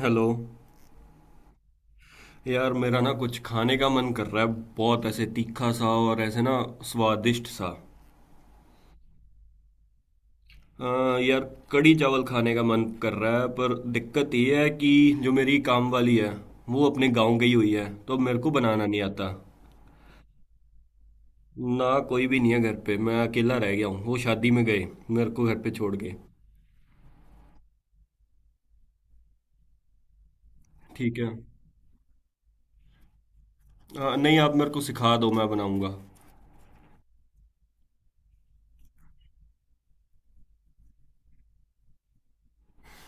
Hello. यार मेरा ना कुछ खाने का मन कर रहा है, बहुत ऐसे तीखा सा और ऐसे ना स्वादिष्ट सा। यार, कड़ी चावल खाने का मन कर रहा है पर दिक्कत ये है कि जो मेरी काम वाली है वो अपने गांव गई हुई है तो मेरे को बनाना नहीं आता। ना कोई भी नहीं है घर पे, मैं अकेला रह गया हूँ, वो शादी में गए, मेरे को घर पे छोड़ गए। ठीक है। नहीं, आप मेरे को सिखा दो, मैं बनाऊंगा।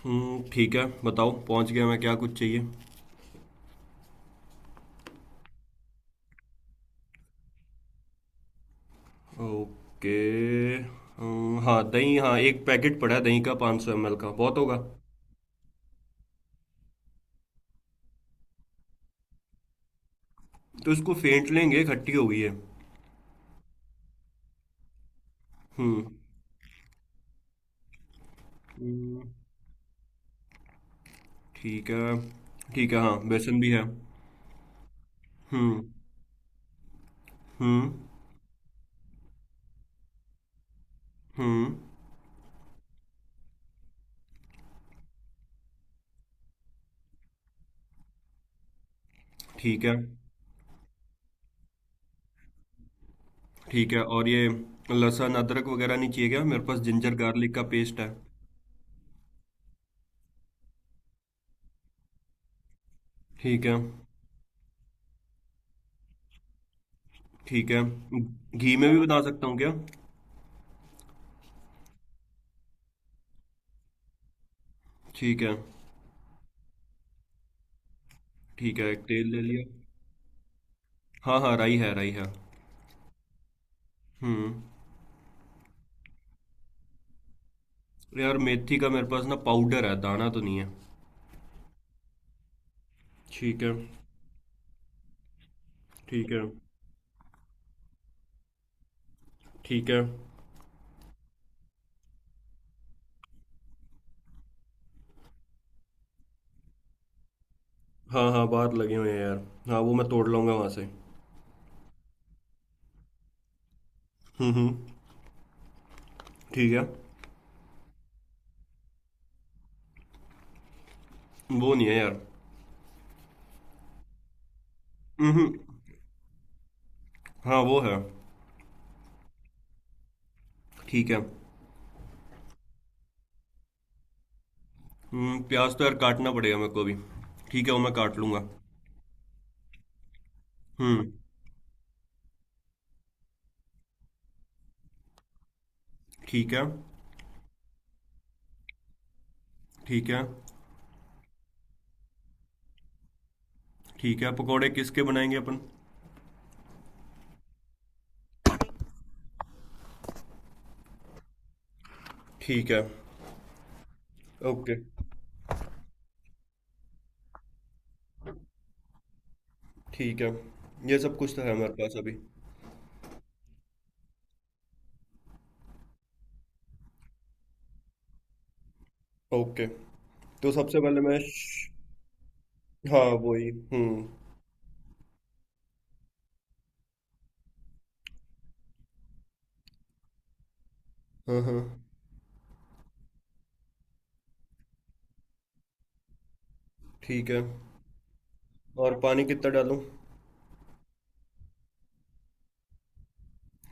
हम्म, ठीक है, बताओ, पहुँच गया मैं, क्या कुछ चाहिए? ओके। हाँ दही, हाँ एक पैकेट पड़ा है दही का, 500 सौ ml का बहुत होगा। तो इसको फेंट लेंगे, खट्टी हो गई है। हम्म। हम्म, ठीक है। ठीक है, हाँ बेसन भी है। हम्म। हम्म। हम्म। ठीक है। ठीक है, और ये लहसुन अदरक वगैरह नहीं चाहिए क्या? मेरे पास जिंजर गार्लिक का पेस्ट है। ठीक है। ठीक है, घी में भी बना सकता हूँ क्या? ठीक है। ठीक है, एक तेल ले लिया। हाँ हाँ, राई है, राई है। हम्म। अरे यार, मेथी का मेरे पास ना पाउडर है, दाना तो नहीं है। ठीक है। ठीक है। ठीक है। हाँ हाँ, बाहर लगे हुए हैं यार। हाँ वो मैं तोड़ लूँगा वहाँ से। हम्म। ठीक है। वो नहीं है यार। हम्म हम्म, हाँ वो है। ठीक है। प्याज तो यार काटना पड़ेगा मेरे को अभी। ठीक है, वो मैं काट लूँगा। हम्म। ठीक है। ठीक है। ठीक है, पकोड़े किसके बनाएंगे अपन? ठीक है। ओके। ठीक है। ये सब कुछ तो है मेरे पास अभी। ओके। तो सबसे पहले मैं हाँ वही। हम्म। हाँ हाँ। ठीक है। और पानी कितना डालूं?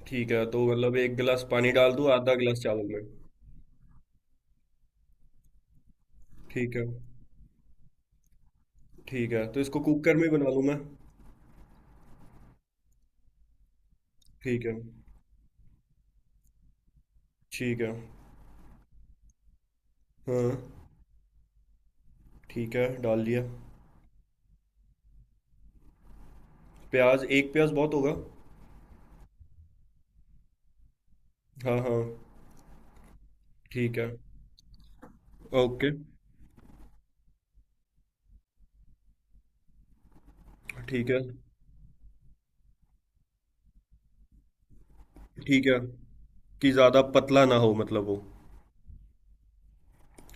ठीक है, तो मतलब एक गिलास पानी डाल दूं, आधा गिलास चावल में। ठीक है। ठीक है, तो इसको कुकर में ही बना लूँ मैं? ठीक है। ठीक है। हाँ। ठीक है, डाल दिया। प्याज, एक प्याज बहुत होगा। हाँ हाँ। ठीक है। ओके। ठीक है। ठीक है कि ज़्यादा पतला ना हो, मतलब वो।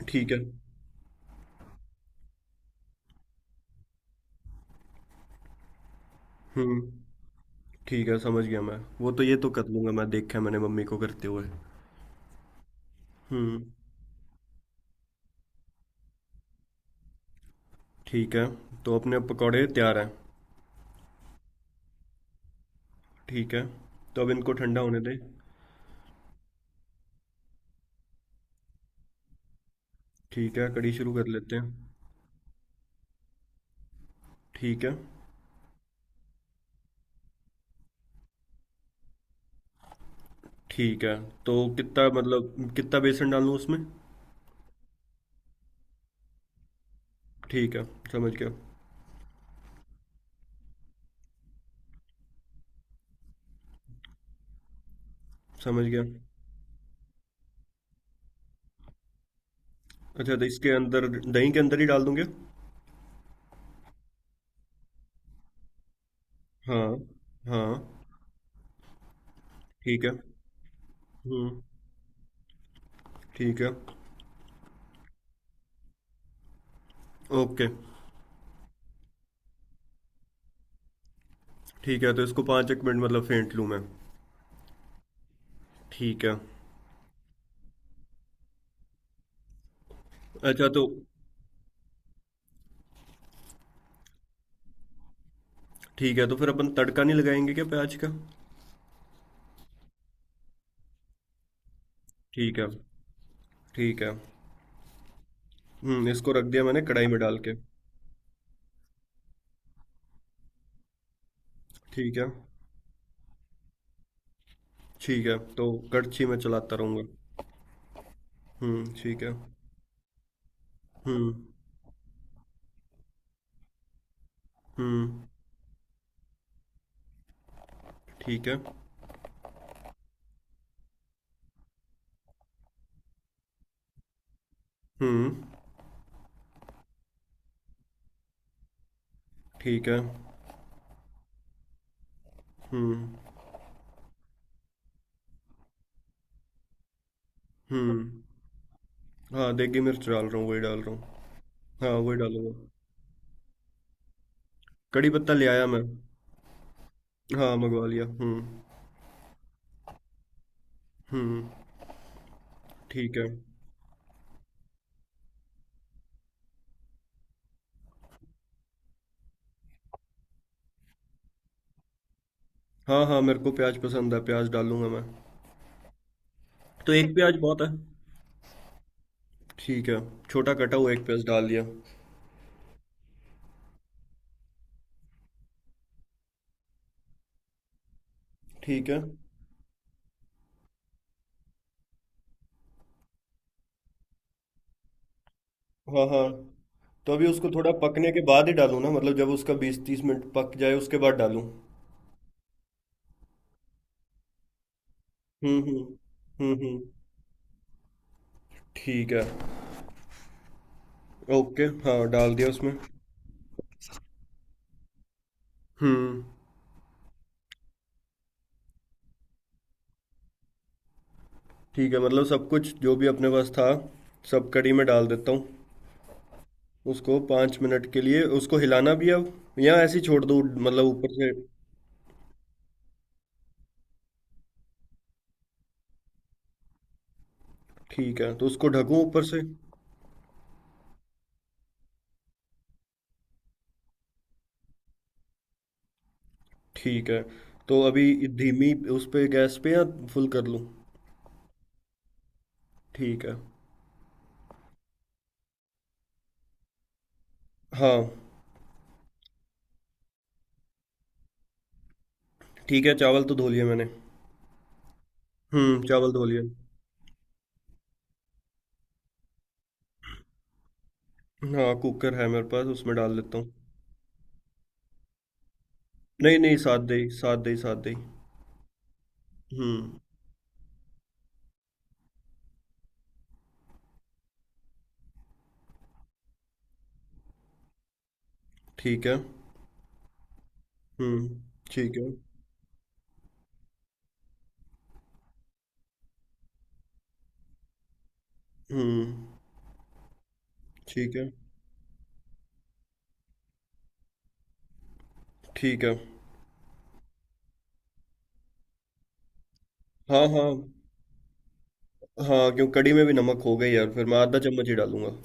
ठीक है। हम्म। ठीक है, समझ गया मैं। वो तो, ये तो कर लूँगा मैं, देखा है मैंने मम्मी को करते हुए। हम्म। ठीक है, तो अपने पकौड़े तैयार हैं। ठीक है, तो अब इनको ठंडा होने दे। ठीक है, कढ़ी शुरू कर लेते हैं। ठीक है। ठीक है, तो कितना, मतलब कितना बेसन डाल लूँ उसमें? ठीक है, समझ गया। समझ गया। अच्छा, तो इसके अंदर दही के अंदर ही डाल दूँगे? हाँ हाँ। ठीक है। हम्म। ठीक है। ओके। ठीक है, तो इसको पाँच एक मिनट मतलब फेंट लूँ मैं? ठीक है। अच्छा तो। ठीक है, तो फिर अपन तड़का नहीं लगाएंगे क्या प्याज का? ठीक है। ठीक है। हम्म, इसको रख दिया मैंने कढ़ाई में डाल के। ठीक है। ठीक है, तो करछी मैं चलाता रहूँगा। हुँ, ठीक है। हुँ। हुँ। ठीक है। हुँ। ठीक है। हुँ। हुँ। हाँ, देगी मिर्च डाल रहा हूँ, वही डाल रहा हूँ। हाँ, वही डालूंगा। कड़ी पत्ता ले आया मैं। हाँ, मंगवा लिया। हुँ। हुँ। ठीक है। हाँ हाँ, मेरे को प्याज पसंद है, प्याज डालूंगा मैं। तो एक प्याज बहुत है। ठीक है। छोटा कटा हुआ एक प्याज डाल दिया। ठीक है। हाँ हाँ। तो अभी उसको थोड़ा पकने के बाद ही डालूं ना, मतलब जब उसका 20-30 मिनट पक जाए उसके बाद डालूं? हम्म। हम्म। हम्म। ठीक है। ओके, हाँ डाल दिया उसमें। हम्म। ठीक है, मतलब सब कुछ जो भी अपने पास था सब कढ़ी में डाल देता हूँ। उसको 5 मिनट के लिए उसको हिलाना भी है अब, या ऐसे ही छोड़ दो मतलब ऊपर से? ठीक है, तो उसको ढकूं ऊपर से? ठीक है, तो अभी धीमी उस पे गैस पे या फुल कर लूँ? ठीक है। हाँ। ठीक है, चावल तो धो लिए मैंने। हम्म, चावल धो लिए। हाँ, कुकर है मेरे पास, उसमें डाल देता हूँ। नहीं नहीं, साथ दे ही, साथ दे ही, साथ दे ही। हुँ, ठीक है। हुँ, ठीक है। हुँ, ठीक है, ठीक है। हाँ, हाँ। हाँ, क्यों, कढ़ी में भी नमक होगा ही यार, फिर मैं आधा चम्मच ही डालूँगा।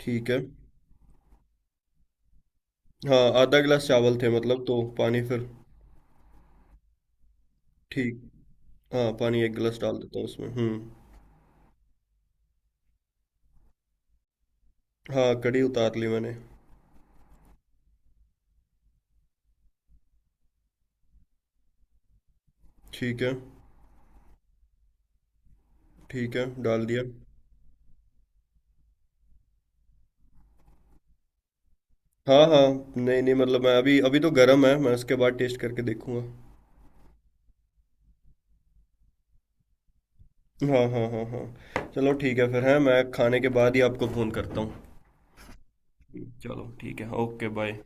ठीक है। हाँ, आधा गिलास चावल थे मतलब, तो पानी फिर? ठीक। हाँ, पानी 1 गिलास डाल देता हूँ उसमें। हुँ। हाँ, कढ़ी उतार ली मैंने। ठीक है। ठीक है, डाल दिया। हाँ, हाँ। नहीं नहीं, मतलब मैं, अभी अभी तो गर्म है, मैं उसके बाद टेस्ट करके देखूँगा। हाँ, हाँ, हाँ, हाँ। चलो ठीक है फिर। हैं, मैं खाने के बाद ही आपको फ़ोन करता हूँ। चलो ठीक है, ओके, बाय।